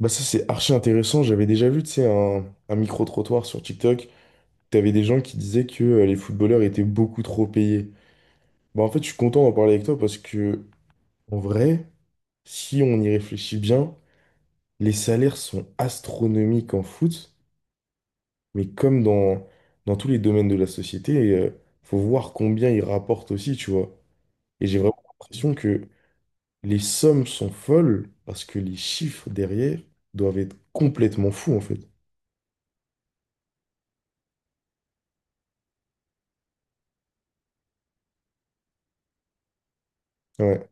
Bah ça c'est archi intéressant, j'avais déjà vu tu sais, un micro-trottoir sur TikTok, t'avais des gens qui disaient que les footballeurs étaient beaucoup trop payés. Bah en fait je suis content d'en parler avec toi parce que en vrai, si on y réfléchit bien, les salaires sont astronomiques en foot, mais comme dans tous les domaines de la société, faut voir combien ils rapportent aussi, tu vois. Et j'ai vraiment l'impression que les sommes sont folles parce que les chiffres derrière doivent être complètement fous en fait. Ouais.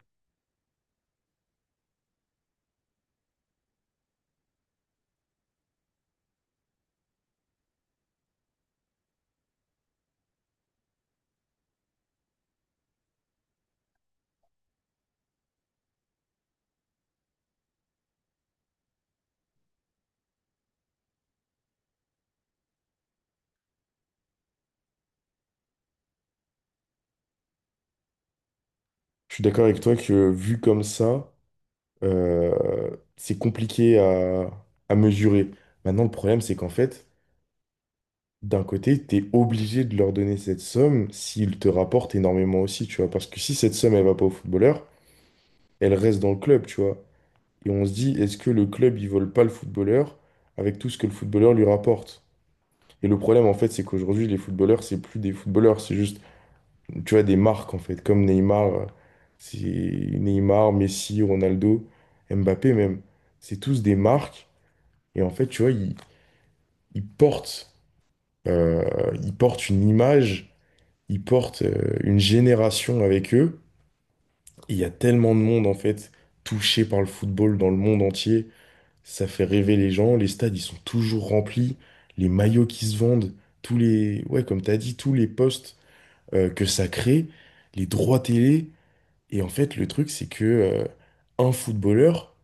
Je suis d'accord avec toi que vu comme ça, c'est compliqué à mesurer. Maintenant, le problème, c'est qu'en fait, d'un côté, tu es obligé de leur donner cette somme s'ils te rapportent énormément aussi, tu vois. Parce que si cette somme, elle va pas au footballeur, elle reste dans le club, tu vois. Et on se dit, est-ce que le club, il vole pas le footballeur avec tout ce que le footballeur lui rapporte? Et le problème, en fait, c'est qu'aujourd'hui, les footballeurs, c'est plus des footballeurs, c'est juste tu vois, des marques en fait, comme Neymar, c'est Neymar, Messi, Ronaldo, Mbappé même. C'est tous des marques et en fait, tu vois, ils portent, euh, ils portent une image, ils portent une génération avec eux. Et il y a tellement de monde en fait touché par le football dans le monde entier, ça fait rêver les gens. Les stades, ils sont toujours remplis, les maillots qui se vendent, ouais, comme tu as dit, tous les postes que ça crée, les droits télé. Et en fait, le truc, c'est que un footballeur,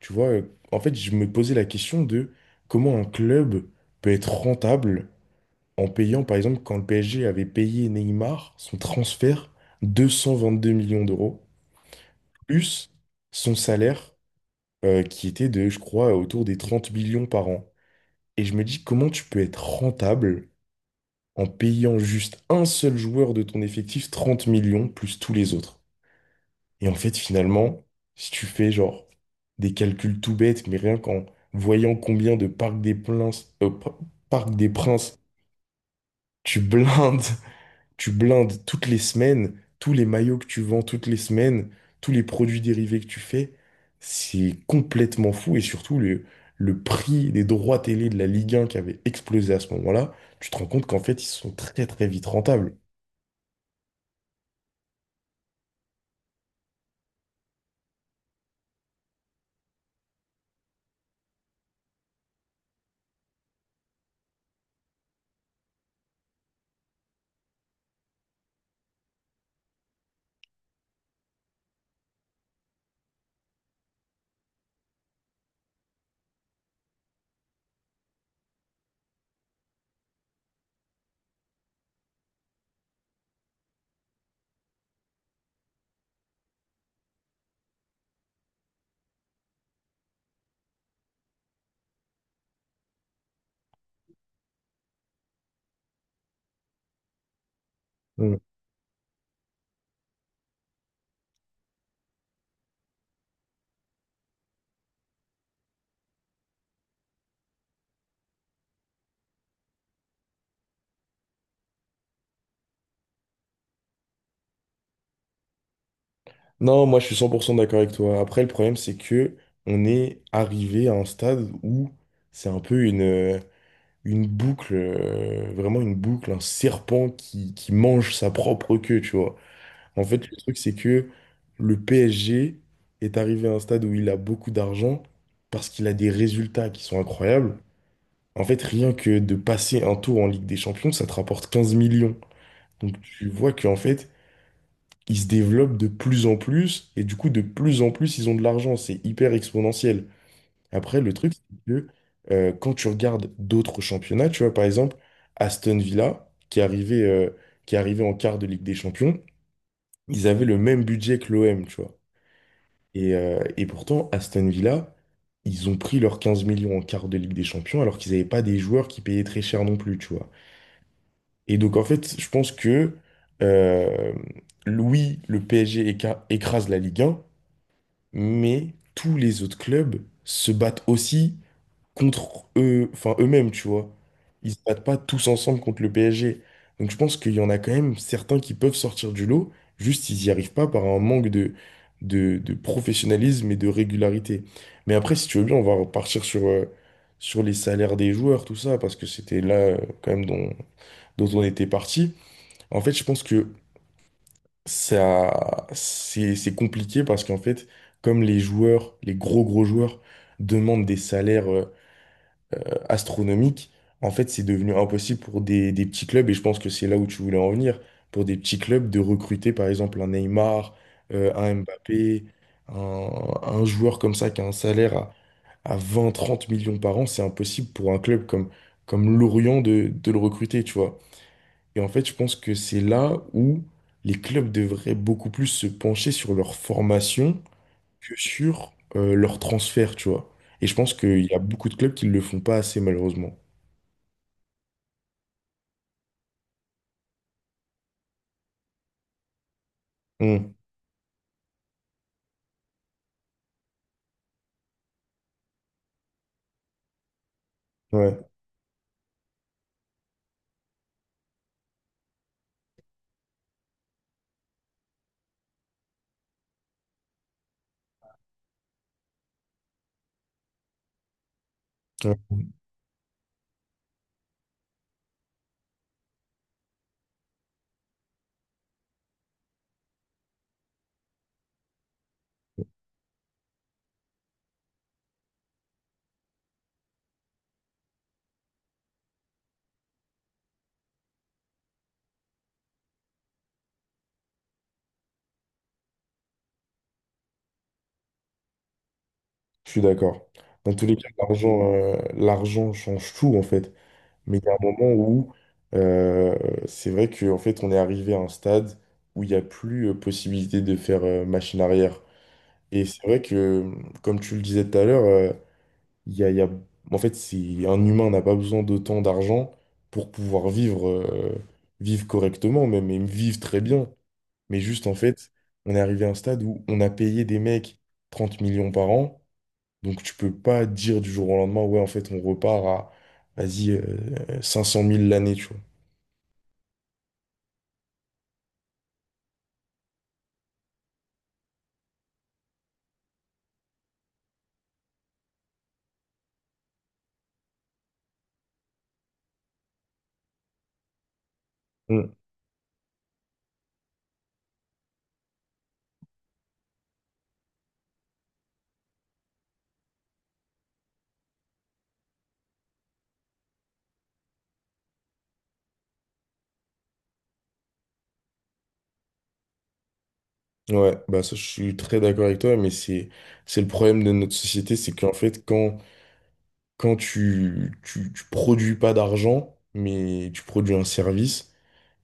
tu vois, en fait, je me posais la question de comment un club peut être rentable en payant, par exemple, quand le PSG avait payé Neymar son transfert 222 millions d'euros, plus son salaire qui était de, je crois, autour des 30 millions par an. Et je me dis, comment tu peux être rentable en payant juste un seul joueur de ton effectif 30 millions plus tous les autres? Et en fait, finalement, si tu fais genre des calculs tout bêtes, mais rien qu'en voyant combien de Parc des Princes, Parc des Princes, tu blindes, tu blindes toutes les semaines, tous les maillots que tu vends toutes les semaines, tous les produits dérivés que tu fais, c'est complètement fou. Et surtout, le prix des droits télé de la Ligue 1 qui avait explosé à ce moment-là, tu te rends compte qu'en fait, ils sont très très vite rentables. Non, moi je suis 100% d'accord avec toi. Après, le problème, c'est que on est arrivé à un stade où c'est un peu une boucle, vraiment une boucle, un serpent qui mange sa propre queue, tu vois. En fait, le truc, c'est que le PSG est arrivé à un stade où il a beaucoup d'argent parce qu'il a des résultats qui sont incroyables. En fait, rien que de passer un tour en Ligue des Champions, ça te rapporte 15 millions. Donc tu vois qu'en fait, ils se développent de plus en plus, et du coup, de plus en plus, ils ont de l'argent. C'est hyper exponentiel. Après, le truc, c'est que quand tu regardes d'autres championnats, tu vois, par exemple, Aston Villa, qui est arrivé en quart de Ligue des Champions, ils avaient le même budget que l'OM, tu vois. Et pourtant, Aston Villa, ils ont pris leurs 15 millions en quart de Ligue des Champions, alors qu'ils n'avaient pas des joueurs qui payaient très cher non plus, tu vois. Et donc, en fait, je pense que, euh, oui, le PSG écrase la Ligue 1, mais tous les autres clubs se battent aussi contre eux, enfin eux-mêmes, tu vois. Ils se battent pas tous ensemble contre le PSG. Donc je pense qu'il y en a quand même certains qui peuvent sortir du lot, juste ils n'y arrivent pas par un manque de professionnalisme et de régularité. Mais après, si tu veux bien, on va repartir sur les salaires des joueurs, tout ça, parce que c'était là quand même dont on était parti. En fait, je pense que ça, c'est compliqué parce qu'en fait, comme les joueurs, les gros gros joueurs demandent des salaires astronomiques, en fait, c'est devenu impossible pour des petits clubs, et je pense que c'est là où tu voulais en venir, pour des petits clubs de recruter par exemple un Neymar, un Mbappé, un joueur comme ça qui a un salaire à 20-30 millions par an, c'est impossible pour un club comme Lorient de le recruter, tu vois. Et en fait, je pense que c'est là où les clubs devraient beaucoup plus se pencher sur leur formation que sur leur transfert, tu vois. Et je pense qu'il y a beaucoup de clubs qui ne le font pas assez, malheureusement. Mmh. Ouais, ouais. Je suis d'accord. Dans tous les cas, l'argent change tout, en fait. Mais il y a un moment où euh, c'est vrai qu'en fait, on est arrivé à un stade où il n'y a plus possibilité de faire machine arrière. Et c'est vrai que, comme tu le disais tout à l'heure, Il y a, il y a- en fait, un humain n'a pas besoin d'autant d'argent pour pouvoir vivre, vivre correctement, même, et vivre très bien. Mais juste, en fait, on est arrivé à un stade où on a payé des mecs 30 millions par an. Donc, tu peux pas dire du jour au lendemain, ouais, en fait, on repart à, vas-y, 500 000 l'année, tu vois. Mm. Ouais, bah ça, je suis très d'accord avec toi, mais c'est le problème de notre société, c'est qu'en fait, quand tu produis pas d'argent, mais tu produis un service,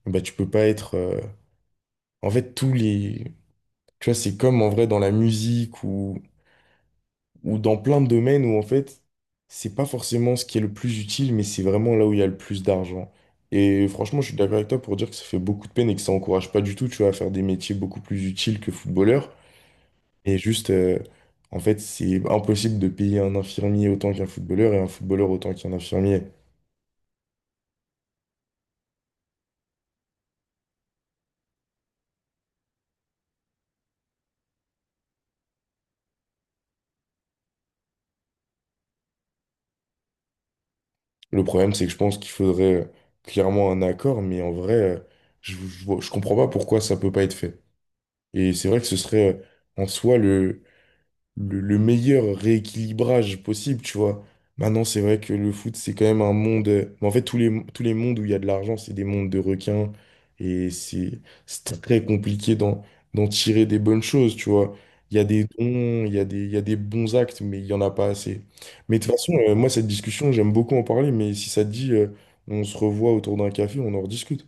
bah, tu peux pas être. En fait, tous les. Tu vois, c'est comme en vrai dans la musique ou dans plein de domaines où en fait, c'est pas forcément ce qui est le plus utile, mais c'est vraiment là où il y a le plus d'argent. Et franchement, je suis d'accord avec toi pour dire que ça fait beaucoup de peine et que ça encourage pas du tout, tu vois, à faire des métiers beaucoup plus utiles que footballeur. Et juste, en fait, c'est impossible de payer un infirmier autant qu'un footballeur et un footballeur autant qu'un infirmier. Le problème, c'est que je pense qu'il faudrait clairement un accord, mais en vrai, je comprends pas pourquoi ça peut pas être fait. Et c'est vrai que ce serait en soi le meilleur rééquilibrage possible, tu vois. Maintenant, c'est vrai que le foot, c'est quand même un monde. Mais en fait, tous les mondes où il y a de l'argent, c'est des mondes de requins. Et c'est très compliqué d'en tirer des bonnes choses, tu vois. Il y a des dons, il y a des bons actes, mais il n'y en a pas assez. Mais de toute façon, moi, cette discussion, j'aime beaucoup en parler. Mais si ça te dit, on se revoit autour d'un café, on en rediscute.